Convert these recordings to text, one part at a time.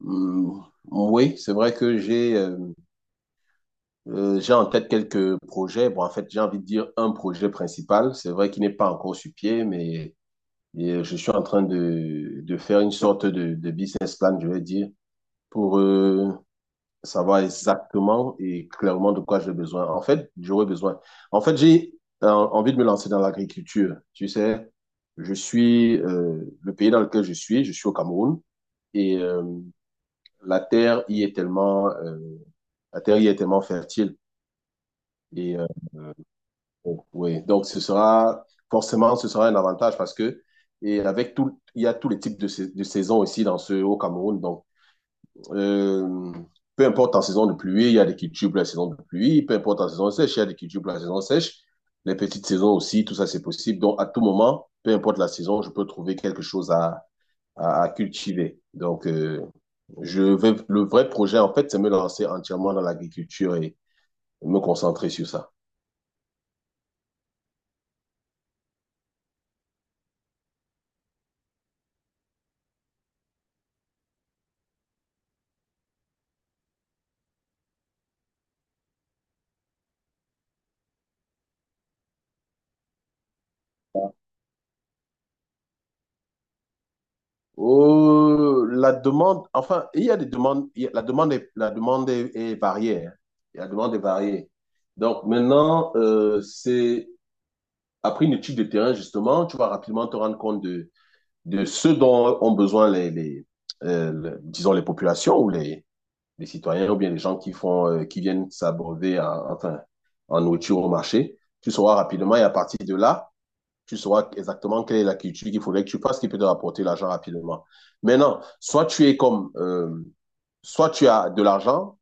Hum, oui, c'est vrai que j'ai en tête quelques projets. Bon, en fait, j'ai envie de dire un projet principal. C'est vrai qu'il n'est pas encore sur pied, mais et je suis en train de faire une sorte de business plan, je vais dire, pour savoir exactement et clairement de quoi j'ai besoin. En fait, j'aurais besoin. En fait, j'ai envie de me lancer dans l'agriculture. Tu sais, je suis le pays dans lequel je suis au Cameroun, et la terre y est tellement, la terre y est tellement fertile. Et oui, donc ce sera forcément ce sera un avantage parce que et avec tout, il y a tous les types de, de saisons ici dans ce au Cameroun. Donc euh, peu importe en saison de pluie, il y a des cultures pour la saison de pluie. Peu importe en saison sèche, il y a des cultures pour la saison sèche. Les petites saisons aussi, tout ça c'est possible. Donc à tout moment, peu importe la saison, je peux trouver quelque chose à cultiver. Donc le vrai projet en fait, c'est me lancer entièrement dans l'agriculture et me concentrer sur ça. La demande, enfin, il y a des demandes, il y a- la demande est, est variée, hein. La demande est variée. Donc maintenant, c'est après une étude de terrain, justement, tu vas rapidement te rendre compte de ce dont ont besoin les, disons, les populations ou des citoyens ou bien des gens qui font, qui viennent s'abreuver en nourriture au marché. Tu sauras rapidement et à partir de là, tu sauras exactement quelle est la culture qu'il faudrait que tu fasses, qui peut te rapporter l'argent rapidement. Maintenant, soit tu as de l'argent,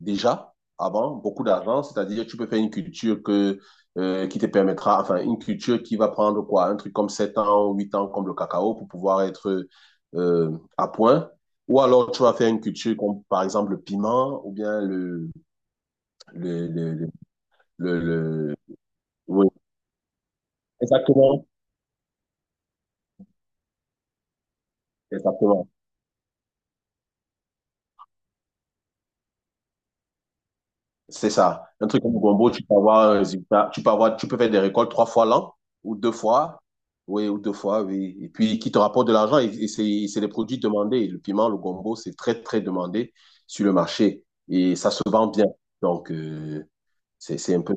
déjà avant, beaucoup d'argent, c'est-à-dire tu peux faire une culture que, qui te permettra, enfin une culture qui va prendre, quoi, un truc comme 7 ans, ou 8 ans, comme le cacao, pour pouvoir être euh, à point. Ou alors tu vas faire une culture comme, par exemple, le piment ou bien le, le, le... Oui, exactement. Exactement. C'est ça. Un truc comme le gombo, tu peux avoir un résultat, tu peux faire des récoltes trois fois l'an ou deux fois. Oui, ou deux fois, oui. Et puis, qui te rapporte de l'argent, et c'est des produits demandés. Le piment, le gombo, c'est très, très demandé sur le marché. Et ça se vend bien. Donc, c'est un peu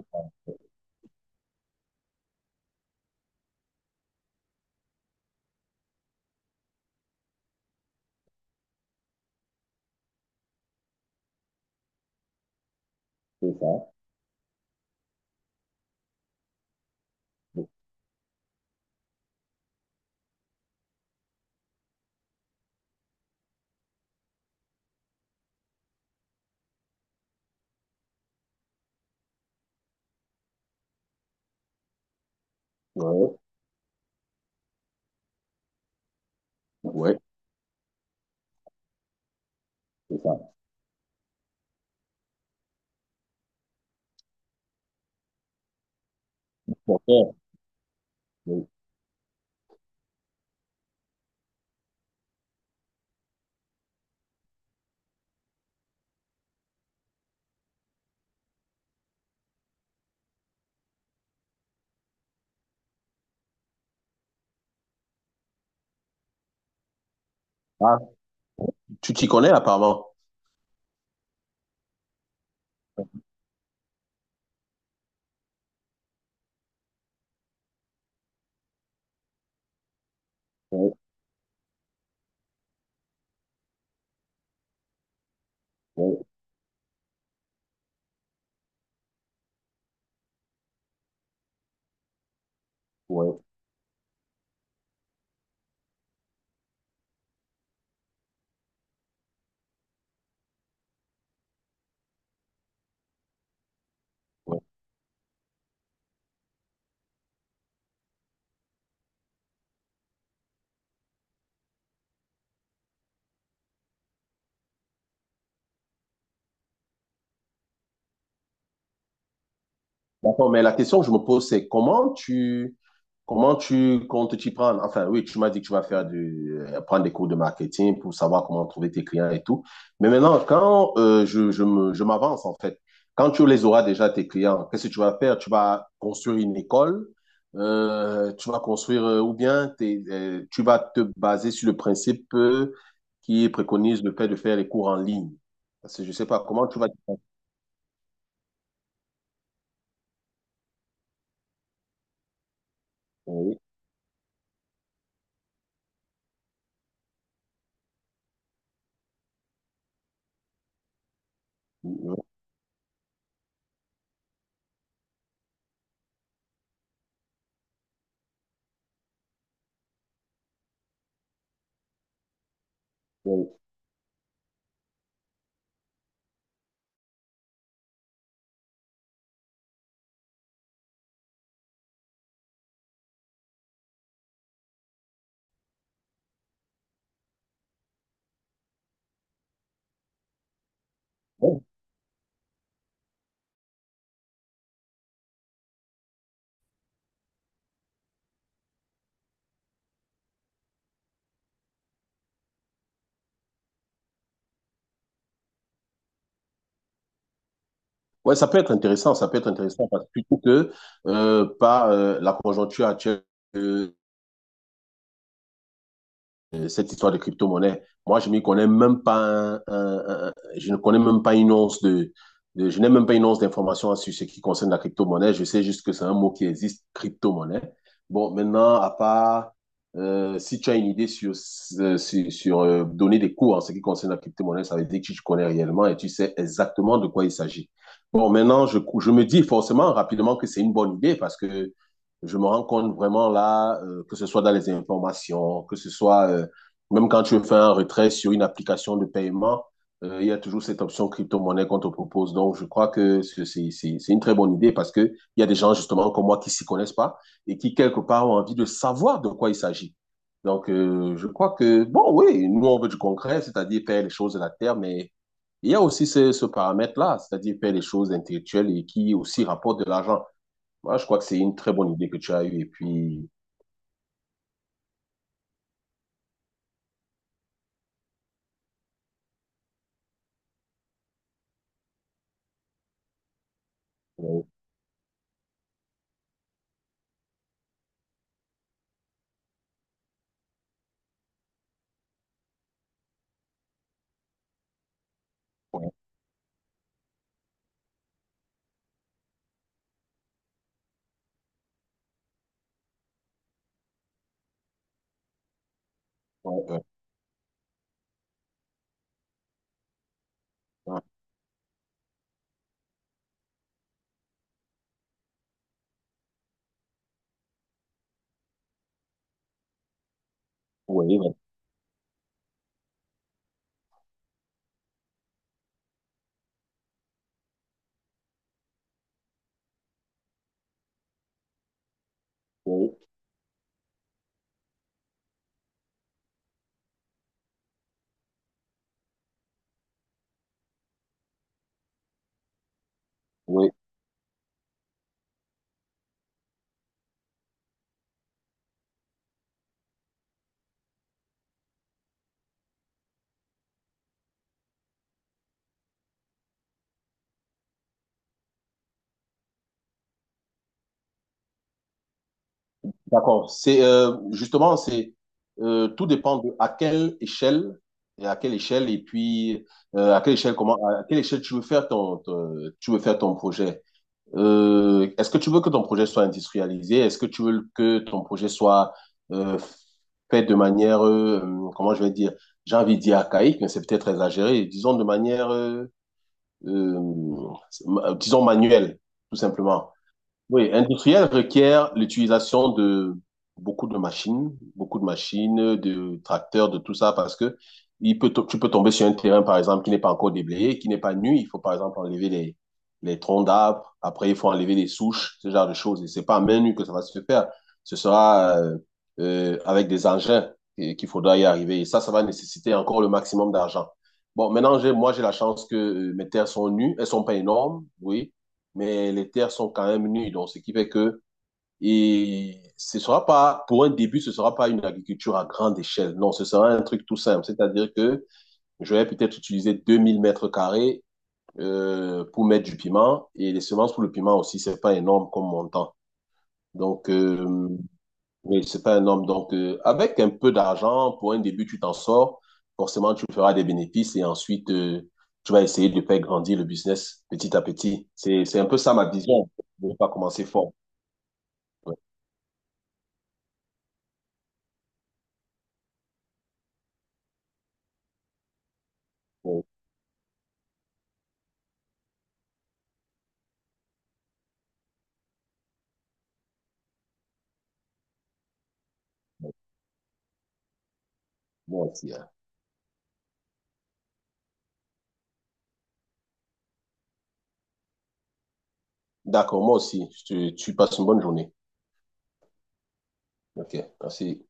ça. Ouais, ouais, c'est ça. Bon, ouais. Ah, tu t'y connais apparemment. Ouais, ouais, ouais. Ouais. D'accord, mais la question que je me pose, c'est comment tu comptes t'y prendre? Enfin, oui, tu m'as dit que tu vas faire prendre des cours de marketing pour savoir comment trouver tes clients et tout. Mais maintenant, quand je m'avance, en fait, quand tu les auras déjà, tes clients, qu'est-ce que tu vas faire? Tu vas construire une école, tu vas construire, ou bien tu vas te baser sur le principe qui préconise le fait de faire les cours en ligne. Parce que je sais pas comment tu vas t'y prendre. Oui, oui, oui. Ouais, ça peut être intéressant, ça peut être intéressant, parce que plutôt que par la conjoncture actuelle, cette histoire de crypto-monnaie. Moi, je m'y connais même pas, je ne connais même pas une once je n'ai même pas une once d'information sur ce qui concerne la crypto-monnaie. Je sais juste que c'est un mot qui existe, crypto-monnaie. Bon, maintenant, à part, si tu as une idée sur, donner des cours en ce qui concerne la crypto-monnaie, ça veut dire que tu connais réellement et tu sais exactement de quoi il s'agit. Bon, maintenant, je me dis forcément rapidement que c'est une bonne idée, parce que je me rends compte vraiment là, que ce soit dans les informations, que ce soit, même quand tu fais un retrait sur une application de paiement, il y a toujours cette option crypto-monnaie qu'on te propose. Donc, je crois que c'est une très bonne idée, parce que il y a des gens, justement, comme moi, qui s'y connaissent pas et qui, quelque part, ont envie de savoir de quoi il s'agit. Donc, je crois que, bon, oui, nous, on veut du concret, c'est-à-dire faire les choses de la terre, mais il y a aussi ce paramètre-là, c'est-à-dire faire les choses intellectuelles et qui aussi rapportent de l'argent. Moi, je crois que c'est une très bonne idée que tu as eue. Et puis, oui, oui, oui, oui, oui, oui, oui. D'accord. C'est, justement, c'est tout dépend de à quelle échelle et à quelle échelle, et puis à quelle échelle, comment, à quelle échelle tu veux faire ton, tu veux faire ton projet. Est-ce que tu veux que ton projet soit industrialisé? Est-ce que tu veux que ton projet soit euh, fait de manière, comment je vais dire? J'ai envie de dire archaïque, mais c'est peut-être exagéré. Disons de manière, euh, disons manuelle, tout simplement. Oui, industriel requiert l'utilisation de beaucoup de machines, de tracteurs, de tout ça, parce que tu peux tomber sur un terrain, par exemple, qui n'est pas encore déblayé, qui n'est pas nu. Il faut, par exemple, enlever les troncs d'arbres. Après, il faut enlever les souches, ce genre de choses. Et c'est pas à main nue que ça va se faire. Ce sera, avec des engins, qu'il faudra y arriver. Et ça va nécessiter encore le maximum d'argent. Bon, maintenant, moi, j'ai la chance que mes terres sont nues. Elles sont pas énormes, oui, mais les terres sont quand même nues. Donc, ce qui fait que, et ce sera pas, pour un début, ce sera pas une agriculture à grande échelle. Non, ce sera un truc tout simple. C'est-à-dire que je vais peut-être utiliser 2 000 m² pour mettre du piment, et les semences pour le piment aussi, c'est pas énorme comme montant. Donc, oui, c'est pas un homme. Donc, avec un peu d'argent, pour un début, tu t'en sors. Forcément, tu feras des bénéfices et ensuite, tu vas essayer de faire grandir le business petit à petit. C'est un peu ça, ma vision. Je ne vais pas commencer fort. Ouais, ouais, ouais. Moi aussi, hein. D'accord, moi aussi. Tu passes une bonne journée. OK, merci.